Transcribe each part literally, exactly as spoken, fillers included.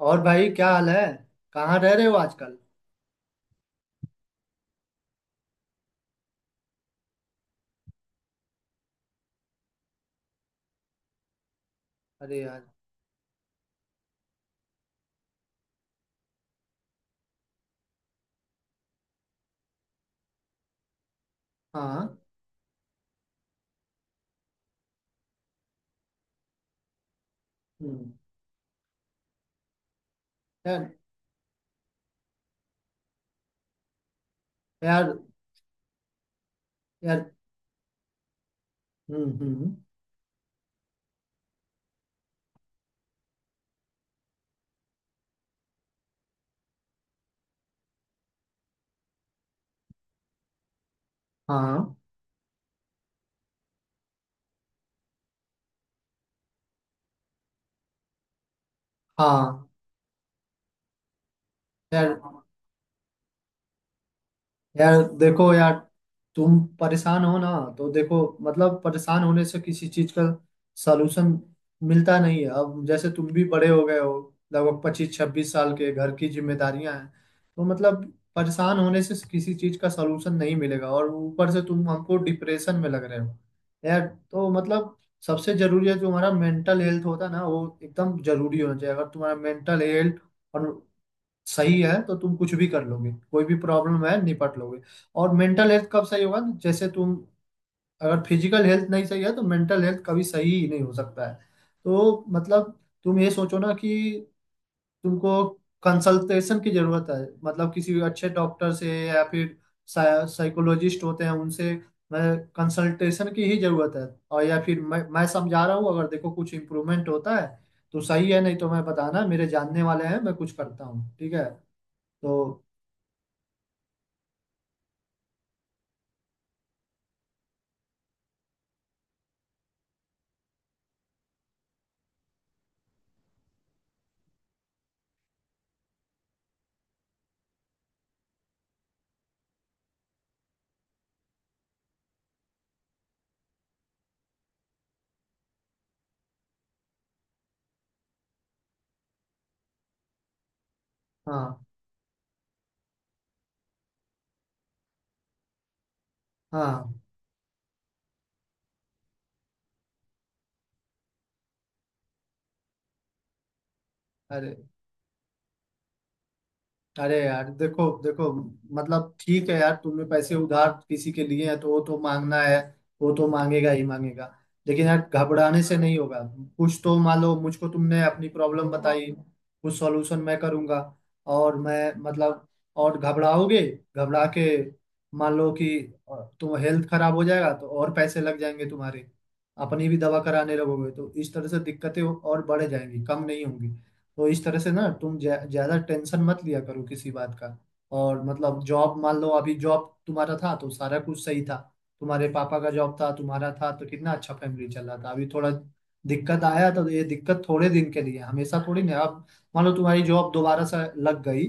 और भाई क्या हाल है। कहाँ रह रहे हो आजकल। अरे यार। हाँ। हम्म। यार। यार। यार। हम्म। हम्म। हाँ। हाँ। यार। यार देखो यार। तुम परेशान हो ना। तो देखो मतलब परेशान होने से किसी चीज का सलूशन मिलता नहीं है। अब जैसे तुम भी बड़े हो गए हो लगभग पच्चीस छब्बीस साल के, घर की जिम्मेदारियां हैं। तो मतलब परेशान होने से किसी चीज का सलूशन नहीं मिलेगा और ऊपर से तुम हमको डिप्रेशन में लग रहे हो। यार तो मतलब सबसे जरूरी है जो हमारा मेंटल हेल्थ होता है ना, वो एकदम जरूरी होना चाहिए। अगर तुम्हारा मेंटल हेल्थ और सही है तो तुम कुछ भी कर लोगे, कोई भी प्रॉब्लम है निपट लोगे। और मेंटल हेल्थ कब सही होगा, जैसे तुम अगर फिजिकल हेल्थ नहीं सही है तो मेंटल हेल्थ कभी सही ही नहीं हो सकता है। तो मतलब तुम ये सोचो ना कि तुमको कंसल्टेशन की जरूरत है। मतलब किसी भी अच्छे डॉक्टर से या फिर साइकोलॉजिस्ट होते हैं उनसे मैं कंसल्टेशन की ही जरूरत है। और या फिर मैं मैं समझा रहा हूँ, अगर देखो कुछ इम्प्रूवमेंट होता है तो सही है, नहीं तो मैं बताना, मेरे जानने वाले हैं, मैं कुछ करता हूँ। ठीक है तो। हाँ। हाँ। अरे। अरे यार देखो देखो। मतलब ठीक है यार, तुमने पैसे उधार किसी के लिए हैं तो वो तो मांगना है। वो तो मांगेगा ही मांगेगा। लेकिन यार घबराने से नहीं होगा। कुछ तो मान लो, मुझको तुमने अपनी प्रॉब्लम बताई, कुछ सॉल्यूशन मैं करूंगा। और मैं मतलब और घबराओगे, घबरा के मान लो कि अ, तुम हेल्थ खराब हो जाएगा तो और पैसे लग जाएंगे तुम्हारे। अपनी भी दवा कराने लगोगे तो इस तरह से दिक्कतें और बढ़ जाएंगी, कम नहीं होंगी। तो इस तरह से ना, तुम ज्या- ज्यादा टेंशन मत लिया करो किसी बात का। और मतलब जॉब मान लो, अभी जॉब तुम्हारा था तो सारा कुछ सही था। तुम्हारे पापा का जॉब था, तुम्हारा था तो कितना अच्छा फैमिली चल रहा था। अभी थोड़ा दिक्कत आया तो ये दिक्कत थोड़े दिन के लिए है, हमेशा थोड़ी ना। अब मान लो तुम्हारी जॉब दोबारा से लग गई,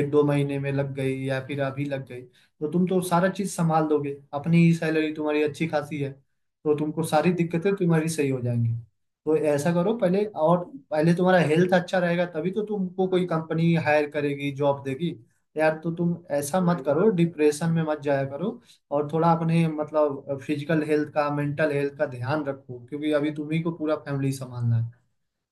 एक दो महीने में लग गई या फिर अभी लग गई, तो तुम तो सारा चीज संभाल दोगे। अपनी ही सैलरी तुम्हारी अच्छी खासी है तो तुमको सारी दिक्कतें तुम्हारी सही हो जाएंगी। तो ऐसा करो, पहले और पहले तुम्हारा हेल्थ अच्छा रहेगा तभी तो तुमको कोई कंपनी हायर करेगी, जॉब देगी। यार तो तुम ऐसा मत हम्म करो, डिप्रेशन में मत जाया करो। और थोड़ा अपने मतलब फिजिकल हेल्थ का, मेंटल हेल्थ का ध्यान रखो, क्योंकि अभी तुम्ही को पूरा फैमिली संभालना है।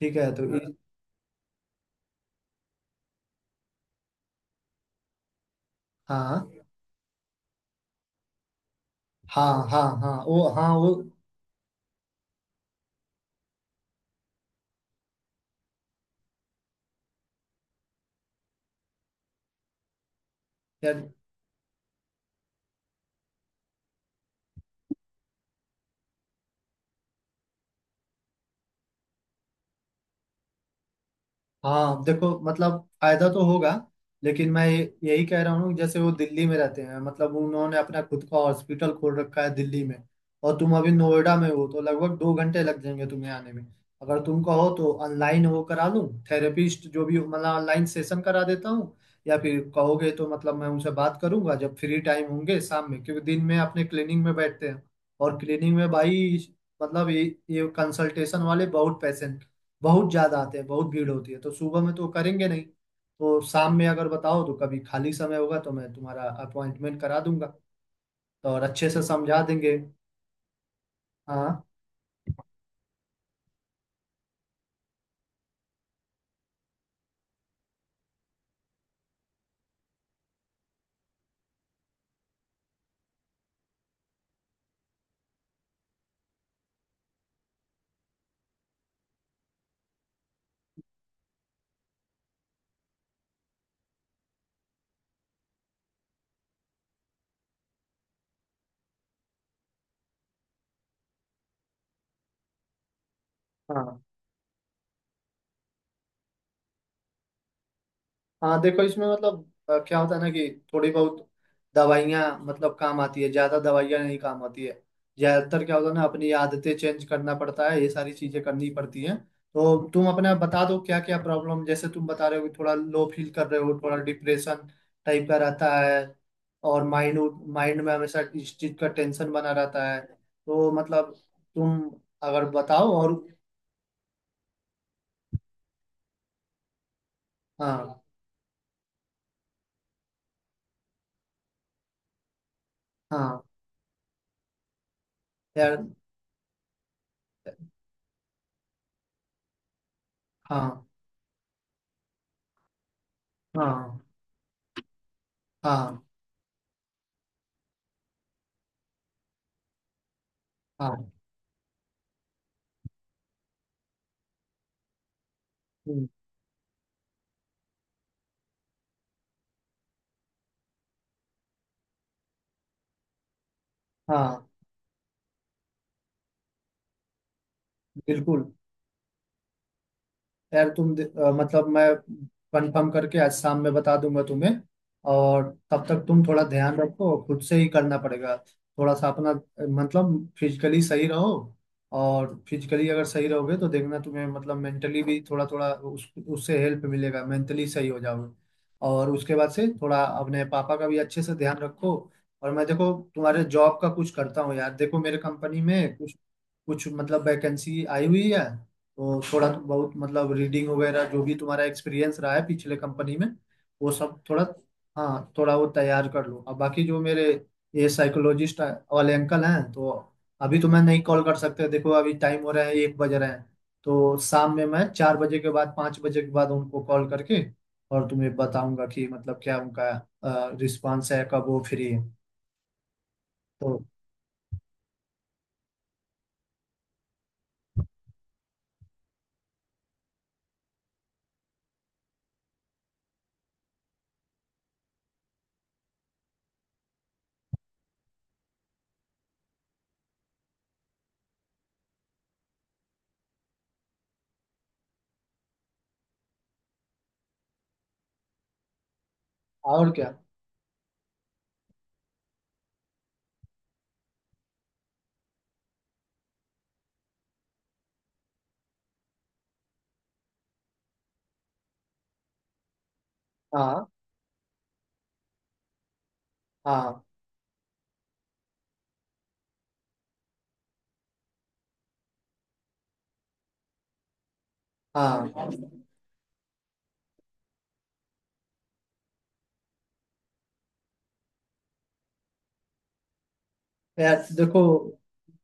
ठीक है तो। हाँ इस, हाँ हाँ हाँ हाँ वो, हाँ वो। यार, हाँ देखो मतलब फायदा तो होगा, लेकिन मैं ये- यही कह रहा हूँ। जैसे वो दिल्ली में रहते हैं, मतलब उन्होंने अपना खुद का हॉस्पिटल खोल रखा है दिल्ली में। और तुम अभी नोएडा में हो तो लगभग दो घंटे लग जाएंगे तुम्हें आने में। अगर तुम कहो तो ऑनलाइन वो करा लूँ, थेरेपिस्ट जो भी हो, मतलब ऑनलाइन सेशन करा देता हूँ। या फिर कहोगे तो मतलब मैं उनसे बात करूंगा जब फ्री टाइम होंगे शाम में, क्योंकि दिन में अपने क्लिनिक में बैठते हैं। और क्लिनिक में भाई, मतलब ये ये कंसल्टेशन वाले बहुत पैसे, बहुत ज्यादा आते हैं, बहुत भीड़ होती है, तो सुबह में तो करेंगे नहीं। तो शाम में अगर बताओ तो कभी खाली समय होगा तो मैं तुम्हारा अपॉइंटमेंट करा दूंगा, तो और अच्छे से समझा देंगे। हाँ। हाँ। हाँ देखो इसमें मतलब अ, क्या होता है ना कि थोड़ी बहुत दवाइयाँ मतलब काम आती है, ज़्यादा दवाइयाँ नहीं काम आती है। ज़्यादातर क्या होता है ना, अपनी आदतें चेंज करना पड़ता है, ये सारी चीज़ें करनी पड़ती हैं। तो तुम अपना बता दो क्या क्या प्रॉब्लम, जैसे तुम बता रहे हो कि थोड़ा लो फील कर रहे हो, थोड़ा डिप्रेशन टाइप का रहता है। और माइंड माइंड में हमेशा इस चीज़ का टेंशन बना रहता है तो मतलब तुम अगर बताओ और। हाँ। हाँ यार। हाँ हाँ हाँ हाँ। हाँ बिल्कुल। यार तुम दे- अ, मतलब मैं कंफर्म करके आज शाम में बता दूंगा तुम्हें। और तब तक तुम थोड़ा ध्यान रखो, खुद से ही करना पड़ेगा थोड़ा सा अपना, अ, मतलब फिजिकली सही रहो। और फिजिकली अगर सही रहोगे तो देखना तुम्हें मतलब मेंटली भी थोड़ा थोड़ा उस उससे हेल्प मिलेगा, मेंटली सही हो जाओगे। और उसके बाद से थोड़ा अपने पापा का भी अच्छे से ध्यान रखो। और मैं देखो तुम्हारे जॉब का कुछ करता हूँ, यार देखो मेरे कंपनी में कुछ कुछ मतलब वैकेंसी आई हुई है। तो थोड़ा तो बहुत मतलब रीडिंग वगैरह जो भी तुम्हारा एक्सपीरियंस रहा है पिछले कंपनी में, वो सब थोड़ा, हाँ थोड़ा वो तैयार कर लो। अब बाकी जो मेरे ये साइकोलॉजिस्ट वाले अंकल हैं तो अभी तो मैं नहीं कॉल कर सकते, देखो अभी टाइम हो रहा है, एक बज रहे हैं। तो शाम में मैं चार बजे के बाद, पाँच बजे के बाद उनको कॉल करके और तुम्हें बताऊंगा कि मतलब क्या उनका रिस्पांस है, कब वो फ्री है। तो और क्या। हाँ। हाँ। हाँ यार देखो,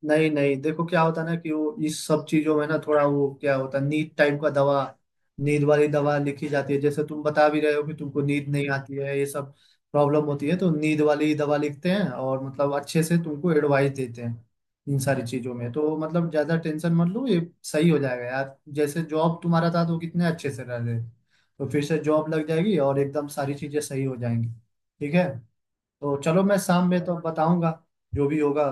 नहीं नहीं देखो क्या होता है ना कि वो इस सब चीजों में ना थोड़ा वो क्या होता है, नींद टाइप का दवा, नींद वाली दवा लिखी जाती है। जैसे तुम बता भी रहे हो कि तुमको नींद नहीं आती है, ये सब प्रॉब्लम होती है, तो नींद वाली दवा लिखते हैं और मतलब अच्छे से तुमको एडवाइस देते हैं। इन सारी चीजों में तो मतलब ज्यादा टेंशन मत लो, ये सही हो जाएगा यार। जैसे जॉब तुम्हारा था तो कितने अच्छे से रह रहे, तो फिर से जॉब लग जाएगी और एकदम सारी चीजें सही हो जाएंगी। ठीक है, तो चलो मैं शाम में तो बताऊंगा जो भी होगा।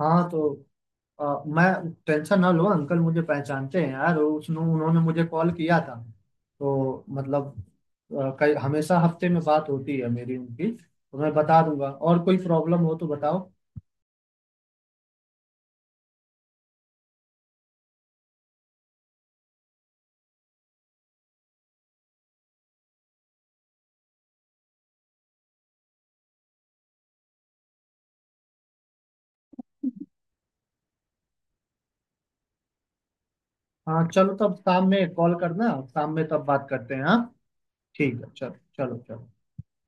हाँ तो अ, मैं टेंशन ना लो, अंकल मुझे पहचानते हैं यार, उसने उन्होंने मुझे कॉल किया था। तो मतलब अ, कई, हमेशा हफ्ते में बात होती है मेरी उनकी, तो मैं बता दूंगा, और कोई प्रॉब्लम हो तो बताओ। हाँ चलो, तब शाम में कॉल करना, शाम में तब बात करते हैं। हाँ। ठीक है चलो चलो चलो।